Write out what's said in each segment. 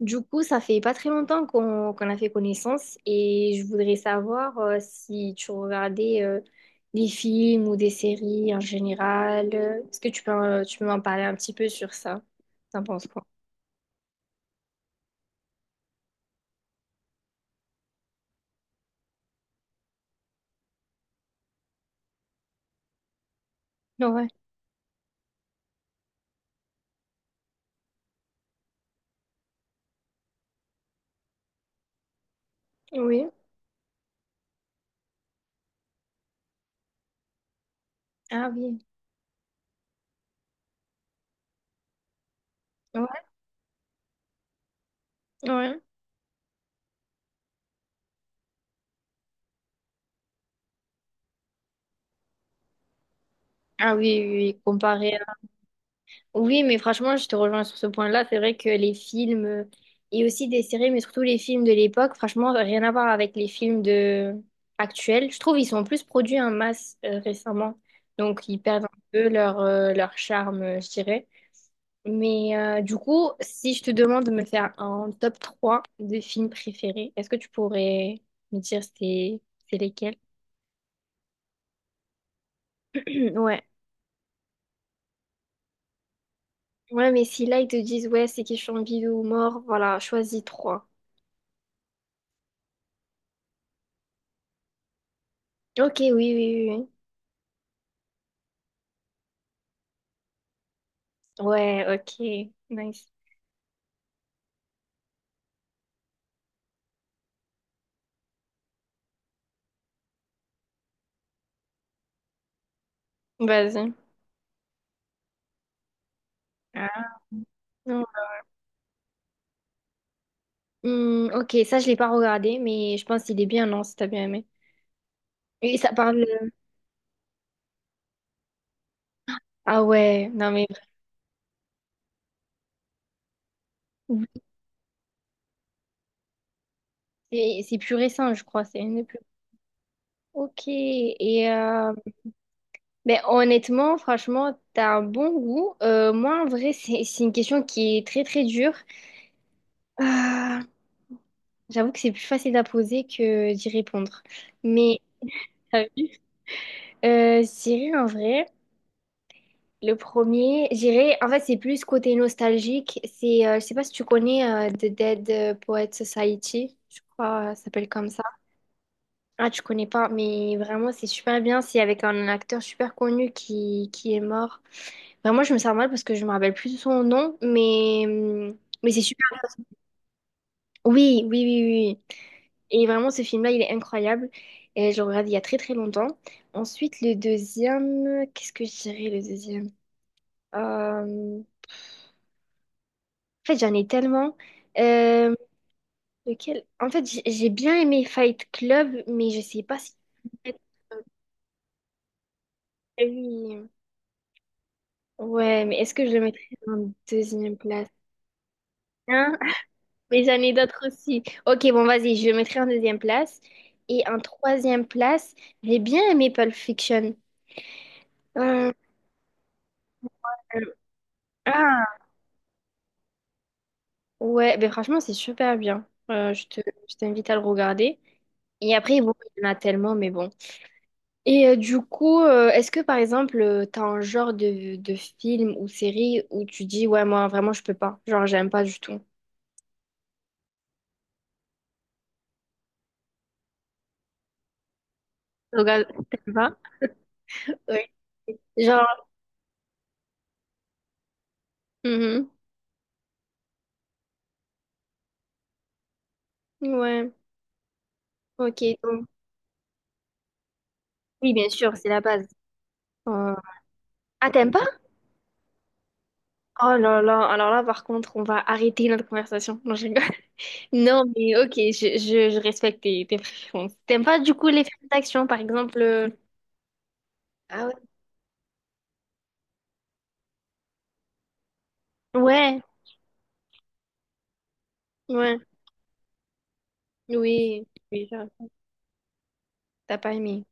Du coup, ça fait pas très longtemps qu'on a fait connaissance et je voudrais savoir si tu regardais des films ou des séries en général. Est-ce que tu peux m'en parler un petit peu sur ça? T'en penses quoi? Ouais. Oui. Ah oui. Ouais. Ouais. Ah oui, oui, oui. Comparé. Oui, mais franchement, je te rejoins sur ce point-là. C'est vrai que les films et aussi des séries, mais surtout les films de l'époque, franchement, rien à voir avec les films de actuels. Je trouve ils sont plus produits en masse récemment, donc ils perdent un peu leur leur charme, je dirais. Mais du coup, si je te demande de me faire un top 3 de films préférés, est-ce que tu pourrais me dire c'est lesquels? Ouais. Ouais, mais si là ils te disent ouais, c'est question de vie ou mort, voilà, choisis trois. Ok, oui, oui, oui, oui. Ouais, ok, nice. Vas-y. Ah. Non. Hmm, ok, ça je l'ai pas regardé, mais je pense qu'il est bien, non, si t'as bien aimé. Et ça parle. Ah ouais, non mais c'est plus récent, je crois, c'est une des plus. Ok, et ben, honnêtement, franchement, t'as un bon goût. Moi, en vrai, c'est une question qui est très très dure. Ah, j'avoue que c'est plus facile à poser que d'y répondre. Mais t'as vu? Je dirais en vrai. Le premier, j'irai. En fait, c'est plus côté nostalgique. C'est, je sais pas si tu connais The Dead Poets Society. Je crois, ça s'appelle comme ça. Ah, tu connais pas, mais vraiment, c'est super bien. C'est avec un acteur super connu qui est mort. Vraiment, je me sens mal parce que je me rappelle plus de son nom, mais c'est super. Oui, oui, oui, oui, oui. Et vraiment, ce film-là, il est incroyable. Et je le regarde il y a très, très longtemps. Ensuite, le deuxième. Qu'est-ce que je dirais, le deuxième? Euh, En fait, j'en ai tellement. Euh, lequel... En fait, j'ai bien aimé Fight Club, mais je sais pas si. Oui. Ouais, mais est-ce que je le mettrais en deuxième place? Hein? Mais j'en ai d'autres aussi. Ok, bon, vas-y, je le mettrai en deuxième place. Et en troisième place, j'ai bien aimé Pulp Fiction. Euh, euh, ah, ouais, ben franchement, c'est super bien. Je t'invite à le regarder. Et après, bon, il y en a tellement, mais bon. Du coup, est-ce que par exemple, t'as un genre de film ou série où tu dis, ouais, moi vraiment, je peux pas. Genre, j'aime pas du tout. Regarde t'aimes pas? Oui. Genre, mhm. Ouais, ok, donc. Oui, bien sûr, c'est la base. euh, Ah, t'aimes pas? Oh là là, alors là, par contre, on va arrêter notre conversation. Non, je rigole. Non, mais ok, je respecte tes, tes préférences. T'aimes pas du coup les films d'action, par exemple? Ah ouais. Ouais, ouais, oui, oui, ça, t'as pas aimé.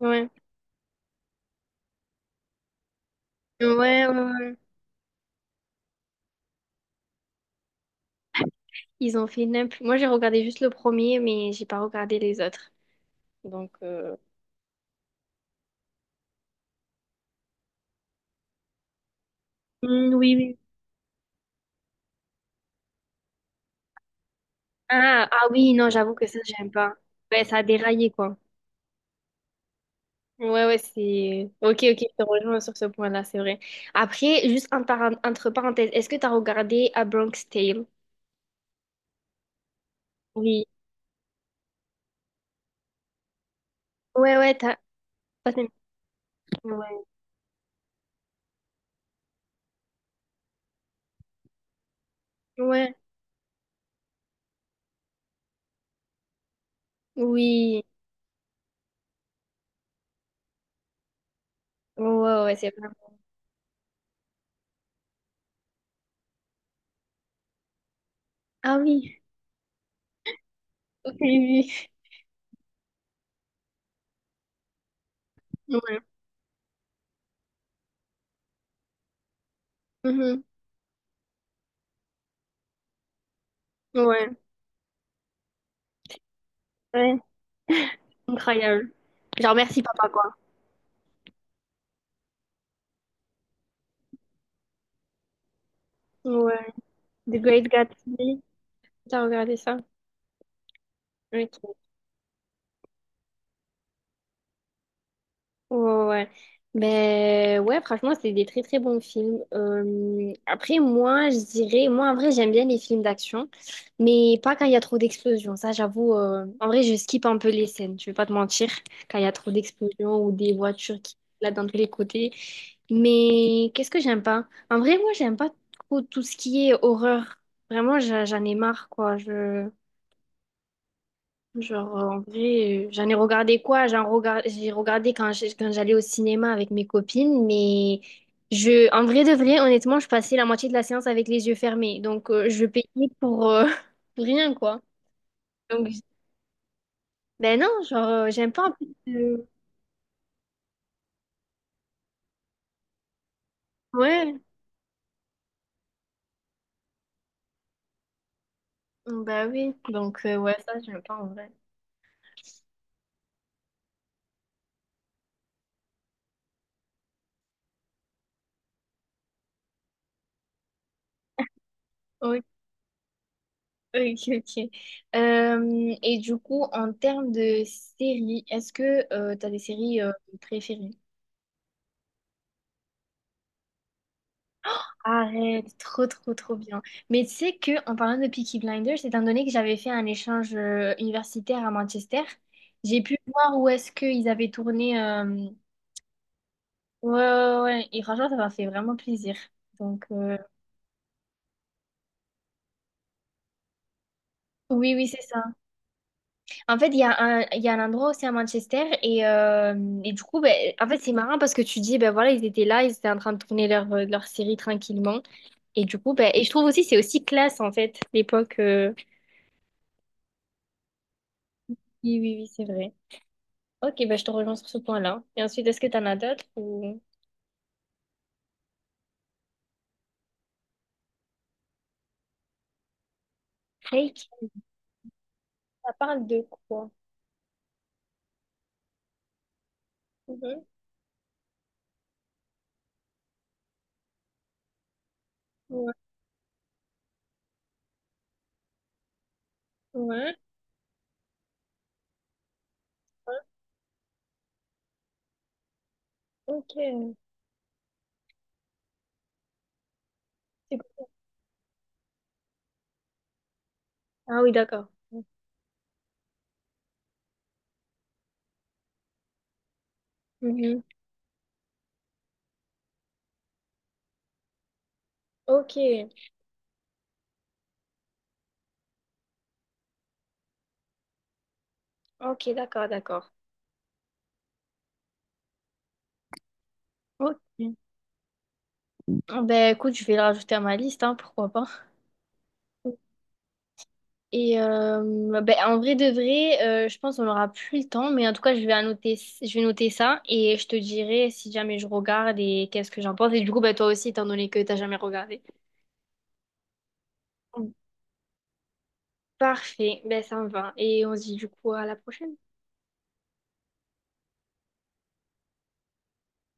Ouais. Ouais, ouais, ouais. Ils ont fait n'importe... Moi, j'ai regardé juste le premier, mais j'ai pas regardé les autres. Donc, hmm, oui, oui. Ah, ah oui, non, j'avoue que ça, j'aime pas. Ouais, ça a déraillé, quoi. Ouais, ouais, c'est... Ok, ok, je te rejoins sur ce point-là, c'est vrai. Après, juste en par- entre parenthèses, est-ce que t'as regardé A Bronx Tale? Oui. Ouais, ouais, t'as... ça, c'est- Ouais. Ouais. Oui. Ouais, ouais, ouais, c'est vrai. Ah oui, ok, oui. Ouais. Mhm. Ouais. Ouais. Incroyable. Genre, merci, papa, quoi. Ouais. The Great Gatsby, t'as regardé ça? Ok. Ouais, ouais, ouais. Ben ouais, franchement, c'est des très très bons films. Après, moi, je dirais, moi en vrai, j'aime bien les films d'action, mais pas quand il y a trop d'explosions. Ça, j'avoue, en vrai, je skip un peu les scènes, je vais pas te mentir, quand il y a trop d'explosions ou des voitures qui là dans tous les côtés. Mais qu'est-ce que j'aime pas? En vrai, moi, j'aime pas trop tout ce qui est horreur. Vraiment, j'en ai marre, quoi. Je... Genre, en vrai, j'en ai regardé quoi? J'ai regardé quand j'allais au cinéma avec mes copines, mais je... en vrai de vrai, honnêtement, je passais la moitié de la séance avec les yeux fermés. Donc, je payais pour, pour rien, quoi. Donc, j- ben non, genre, j'aime pas en plus. Ouais, bah oui. Donc, ouais, ça, j'aime pas en vrai. Ok, ok, ok. Et du coup, en termes de séries, est-ce que tu as des séries préférées? Arrête, trop trop trop bien. Mais tu sais que en parlant de Peaky Blinders, étant donné que j'avais fait un échange universitaire à Manchester, j'ai pu voir où est-ce qu'ils avaient tourné. Ouais, ouais, ouais, ouais. Et franchement, ça m'a fait vraiment plaisir. Donc oui, oui, c'est ça. En fait, il y a un, il y a un endroit aussi à Manchester et du coup, ben, en fait, c'est marrant parce que tu dis, ben voilà, ils étaient là, ils étaient en train de tourner leur, leur série tranquillement. Et du coup, ben, et je trouve aussi, c'est aussi classe en fait, l'époque. Oui, oui, oui, c'est vrai. Ok, ben je te rejoins sur ce point-là. Et ensuite, est-ce que t'en as d'autres ou... Reiki, ça parle de quoi? Mhm. Ouais, ouais, ouais. Ok. C'est- Ah oui, d'accord. Mhm. Ok, ok, d'accord, d'accord. Ok. Ben écoute, je vais le rajouter à ma liste, hein, pourquoi pas. Ben, en vrai de vrai, je pense qu'on n'aura plus le temps, mais en tout cas, je vais annoter, je vais noter ça et je te dirai si jamais je regarde et qu'est-ce que j'en pense. Et du coup, ben, toi aussi, étant donné que t'as jamais regardé. Parfait, ben ça me va. Et on se dit du coup à la prochaine.